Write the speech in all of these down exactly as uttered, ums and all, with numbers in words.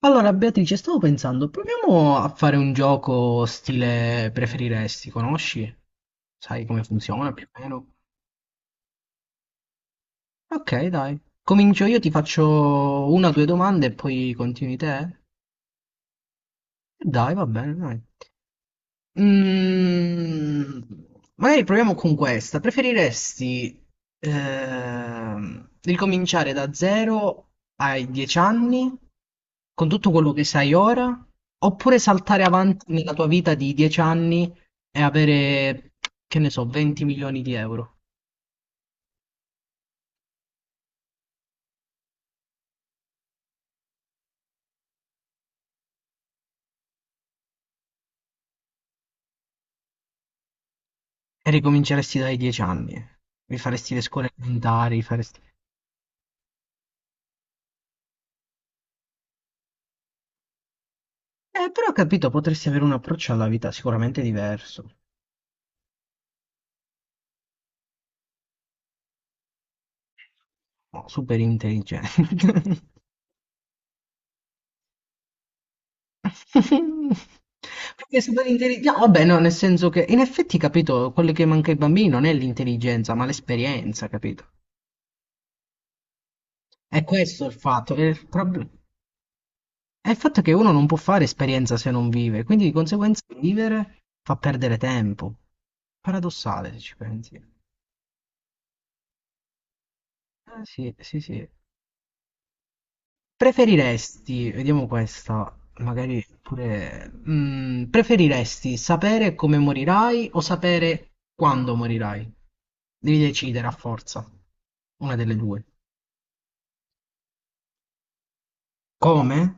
Allora, Beatrice, stavo pensando, proviamo a fare un gioco stile preferiresti, conosci? Sai come funziona più o meno? Ok, dai. Comincio io, ti faccio una o due domande e poi continui te? Dai, va bene, dai. Mm, magari proviamo con questa. Preferiresti ehm, ricominciare da zero ai dieci anni con tutto quello che sai ora, oppure saltare avanti nella tua vita di dieci anni e avere, che ne so, venti milioni di euro e ricominceresti dai dieci anni? Rifaresti le scuole elementari, faresti... Eh, però ho capito, potresti avere un approccio alla vita sicuramente diverso. No, super intelligente. Perché super intelligente. No, vabbè, no, nel senso che in effetti, capito, quello che manca ai bambini non è l'intelligenza, ma l'esperienza, capito? È questo il fatto. È il, prob- è il fatto che uno non può fare esperienza se non vive, quindi di conseguenza vivere fa perdere tempo. Paradossale, se ci pensi. Eh, sì, sì, sì. Preferiresti, vediamo questa, magari pure... mm, preferiresti sapere come morirai o sapere quando morirai? Devi decidere a forza, una delle due. Come?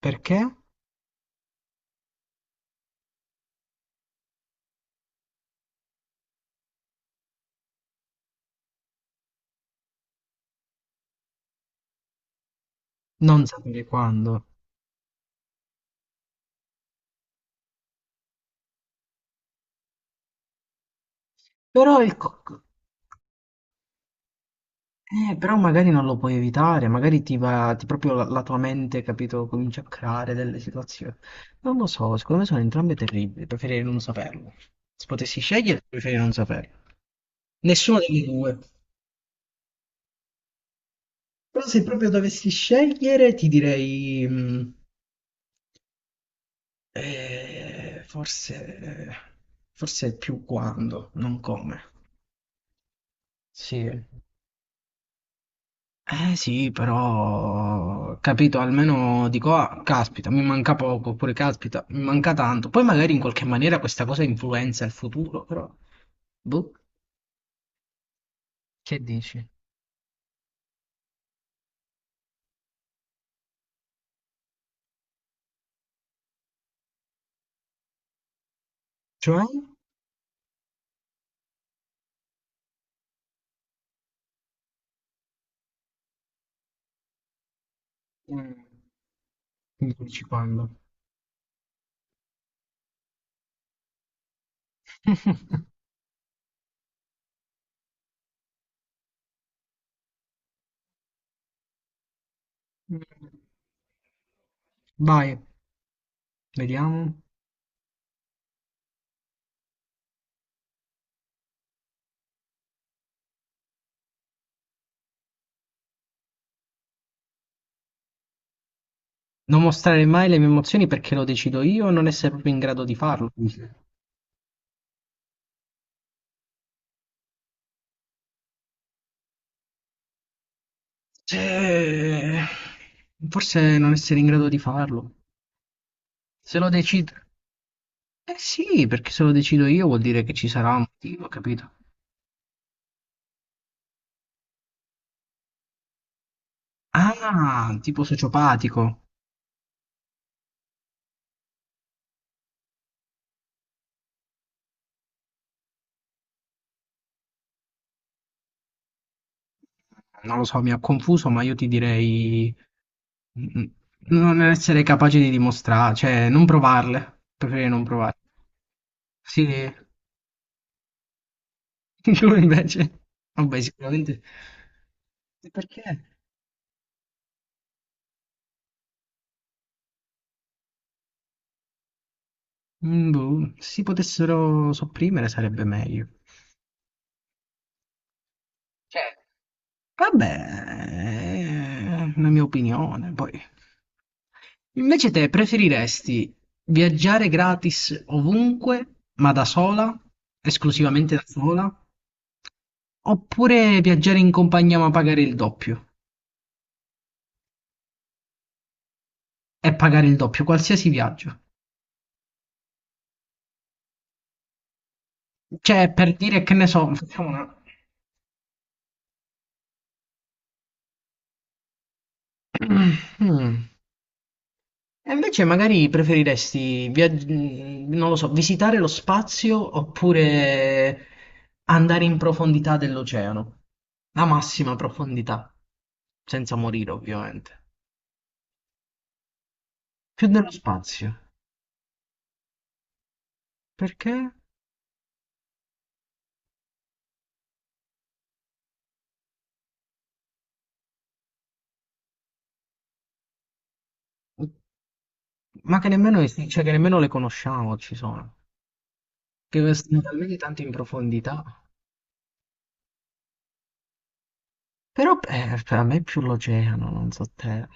Perché? Non sapere quando. Però, il co- eh, Però magari non lo puoi evitare, magari ti va, ti proprio la, la tua mente, capito, comincia a creare delle situazioni. Non lo so, secondo me sono entrambe terribili, preferirei non saperlo. Se potessi scegliere, preferirei non saperlo. Nessuno delle due. Però se proprio dovessi scegliere, ti direi, mh, eh, forse, forse più quando, non come. Sì. Eh sì, però, capito, almeno dico, ah, caspita, mi manca poco, oppure caspita, mi manca tanto. Poi magari in qualche maniera questa cosa influenza il futuro, però, boh. Che dici? Cioè, Mm, mi dici quando. Vai, vediamo. Non mostrare mai le mie emozioni perché lo decido io, non essere proprio in grado di farlo. Dici, eh, forse non essere in grado di farlo. Se lo decido... Eh sì, perché se lo decido io vuol dire che ci sarà un motivo, capito? Ah, tipo sociopatico. Non lo so, mi ha confuso, ma io ti direi... mm, mm, non essere capace di dimostrare, cioè non provarle. Preferirei non provarle. Sì, tu invece... Vabbè, sicuramente... E perché? Mm, boh, se si potessero sopprimere sarebbe meglio. Cioè, vabbè, è una mia opinione, poi. Invece te preferiresti viaggiare gratis ovunque, ma da sola, esclusivamente da sola, oppure viaggiare in compagnia ma pagare il doppio? E pagare il doppio, qualsiasi viaggio. Cioè, per dire che ne so, facciamo una... Mm. E invece magari preferiresti, viaggi- mm, non lo so, visitare lo spazio oppure andare in profondità dell'oceano, la massima profondità, senza morire ovviamente. Più dello spazio, perché? Ma che nemmeno, es- cioè, che nemmeno le conosciamo, ci sono, che sono talmente tanto in profondità. Però eh, per me è più l'oceano, non so te.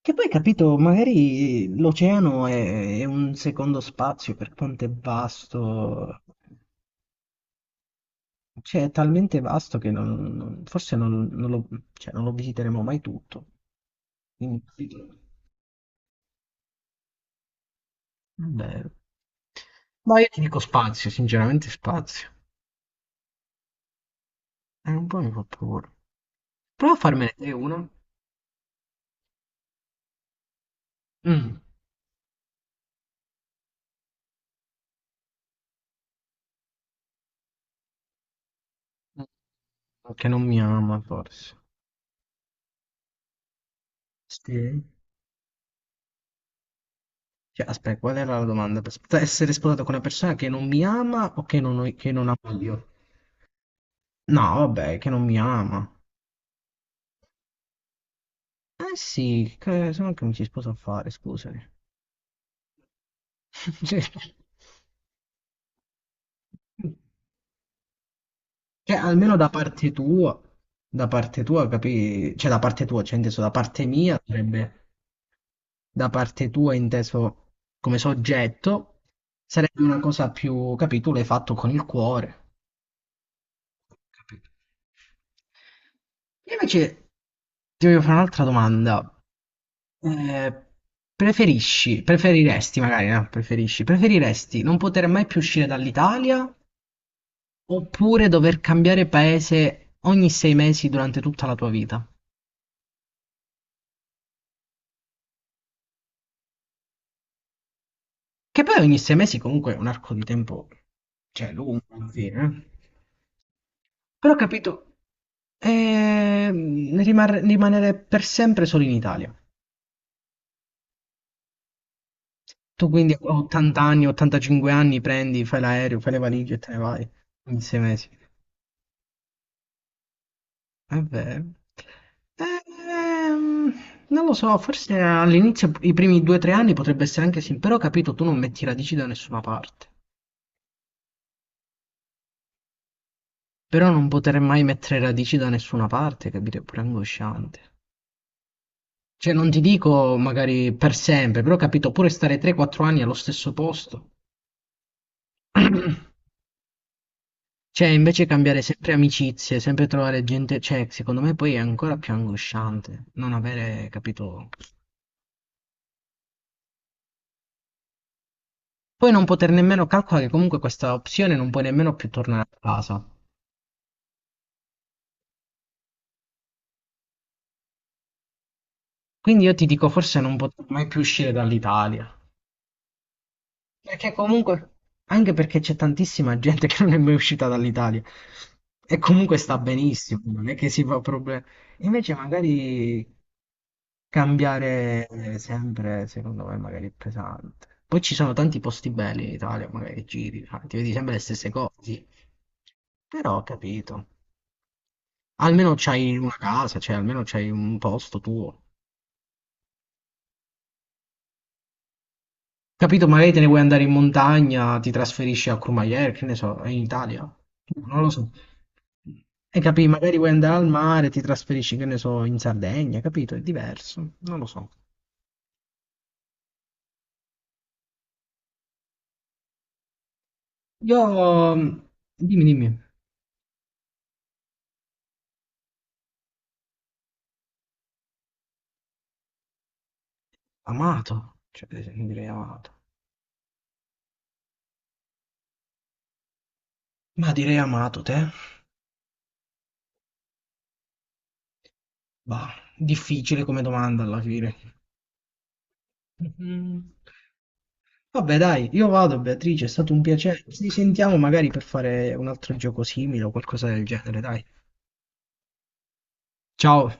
Che poi, capito, magari l'oceano è, è un secondo spazio per quanto è vasto, cioè è talmente vasto che non- non- forse non, non lo, cioè, non lo visiteremo mai tutto. Quindi, capito, vabbè. Ma io ti dico spazio, sinceramente spazio. È un po' mi fa paura. Prova a farmene te uno. Mm. Che non mi ama, forse. Sì. Cioè, aspetta, qual era la domanda? Aspetta, essere sposato con una persona che non mi ama o che non, che non amo io? No, vabbè, che non mi ama. Eh sì, che, se no che mi si sposa a fare, scusami. Cioè, cioè, almeno da parte tua, da parte tua, capì? Cioè, da parte tua, cioè, inteso da parte mia, sarebbe da parte tua, inteso come soggetto, sarebbe una cosa più, capì? Tu l'hai fatto con il cuore, capito? Io invece ti voglio fare un'altra domanda. Eh, preferisci, preferiresti magari, no, preferisci, preferiresti non poter mai più uscire dall'Italia oppure dover cambiare paese ogni sei mesi durante tutta la tua vita? Che poi ogni sei mesi comunque è un arco di tempo, cioè, lungo alla fine, eh. Però ho capito, ehm, rimar- rimanere per sempre solo in Italia. Tu quindi a ottanta anni, ottantacinque anni prendi, fai l'aereo, fai le valigie e te ne vai in sei mesi. È vero. Ehm, non lo so, forse all'inizio, i primi due o tre anni potrebbe essere anche sì, però ho capito, tu non metti radici da nessuna parte. Però non poter mai mettere radici da nessuna parte, capito, è pure angosciante. Cioè, non ti dico magari per sempre, però ho capito, pure stare tre quattro anni allo stesso posto. Cioè, invece cambiare sempre amicizie, sempre trovare gente, cioè, secondo me poi è ancora più angosciante non avere, capito, poi non poter nemmeno calcolare che comunque questa opzione non puoi nemmeno più tornare a casa. Quindi io ti dico, forse non potrò mai più uscire dall'Italia. Perché comunque, anche perché c'è tantissima gente che non è mai uscita dall'Italia. E comunque sta benissimo, non è che si fa problemi. Invece magari cambiare sempre, secondo me, magari è pesante. Poi ci sono tanti posti belli in Italia, magari giri, sai, ti vedi sempre le stesse cose. Però ho capito. Almeno c'hai una casa, cioè almeno c'hai un posto tuo. Capito? Magari te ne vuoi andare in montagna, ti trasferisci a Courmayeur, che ne so, in Italia. Non lo so. E capì, magari vuoi andare al mare, ti trasferisci, che ne so, in Sardegna, capito? È diverso, non lo so. Io, dimmi, dimmi, amato, cioè, direi amato. Ma direi amato te? Bah, difficile come domanda alla fine. Mhm. Vabbè, dai, io vado, Beatrice, è stato un piacere. Ci sentiamo magari per fare un altro gioco simile o qualcosa del genere, dai. Ciao.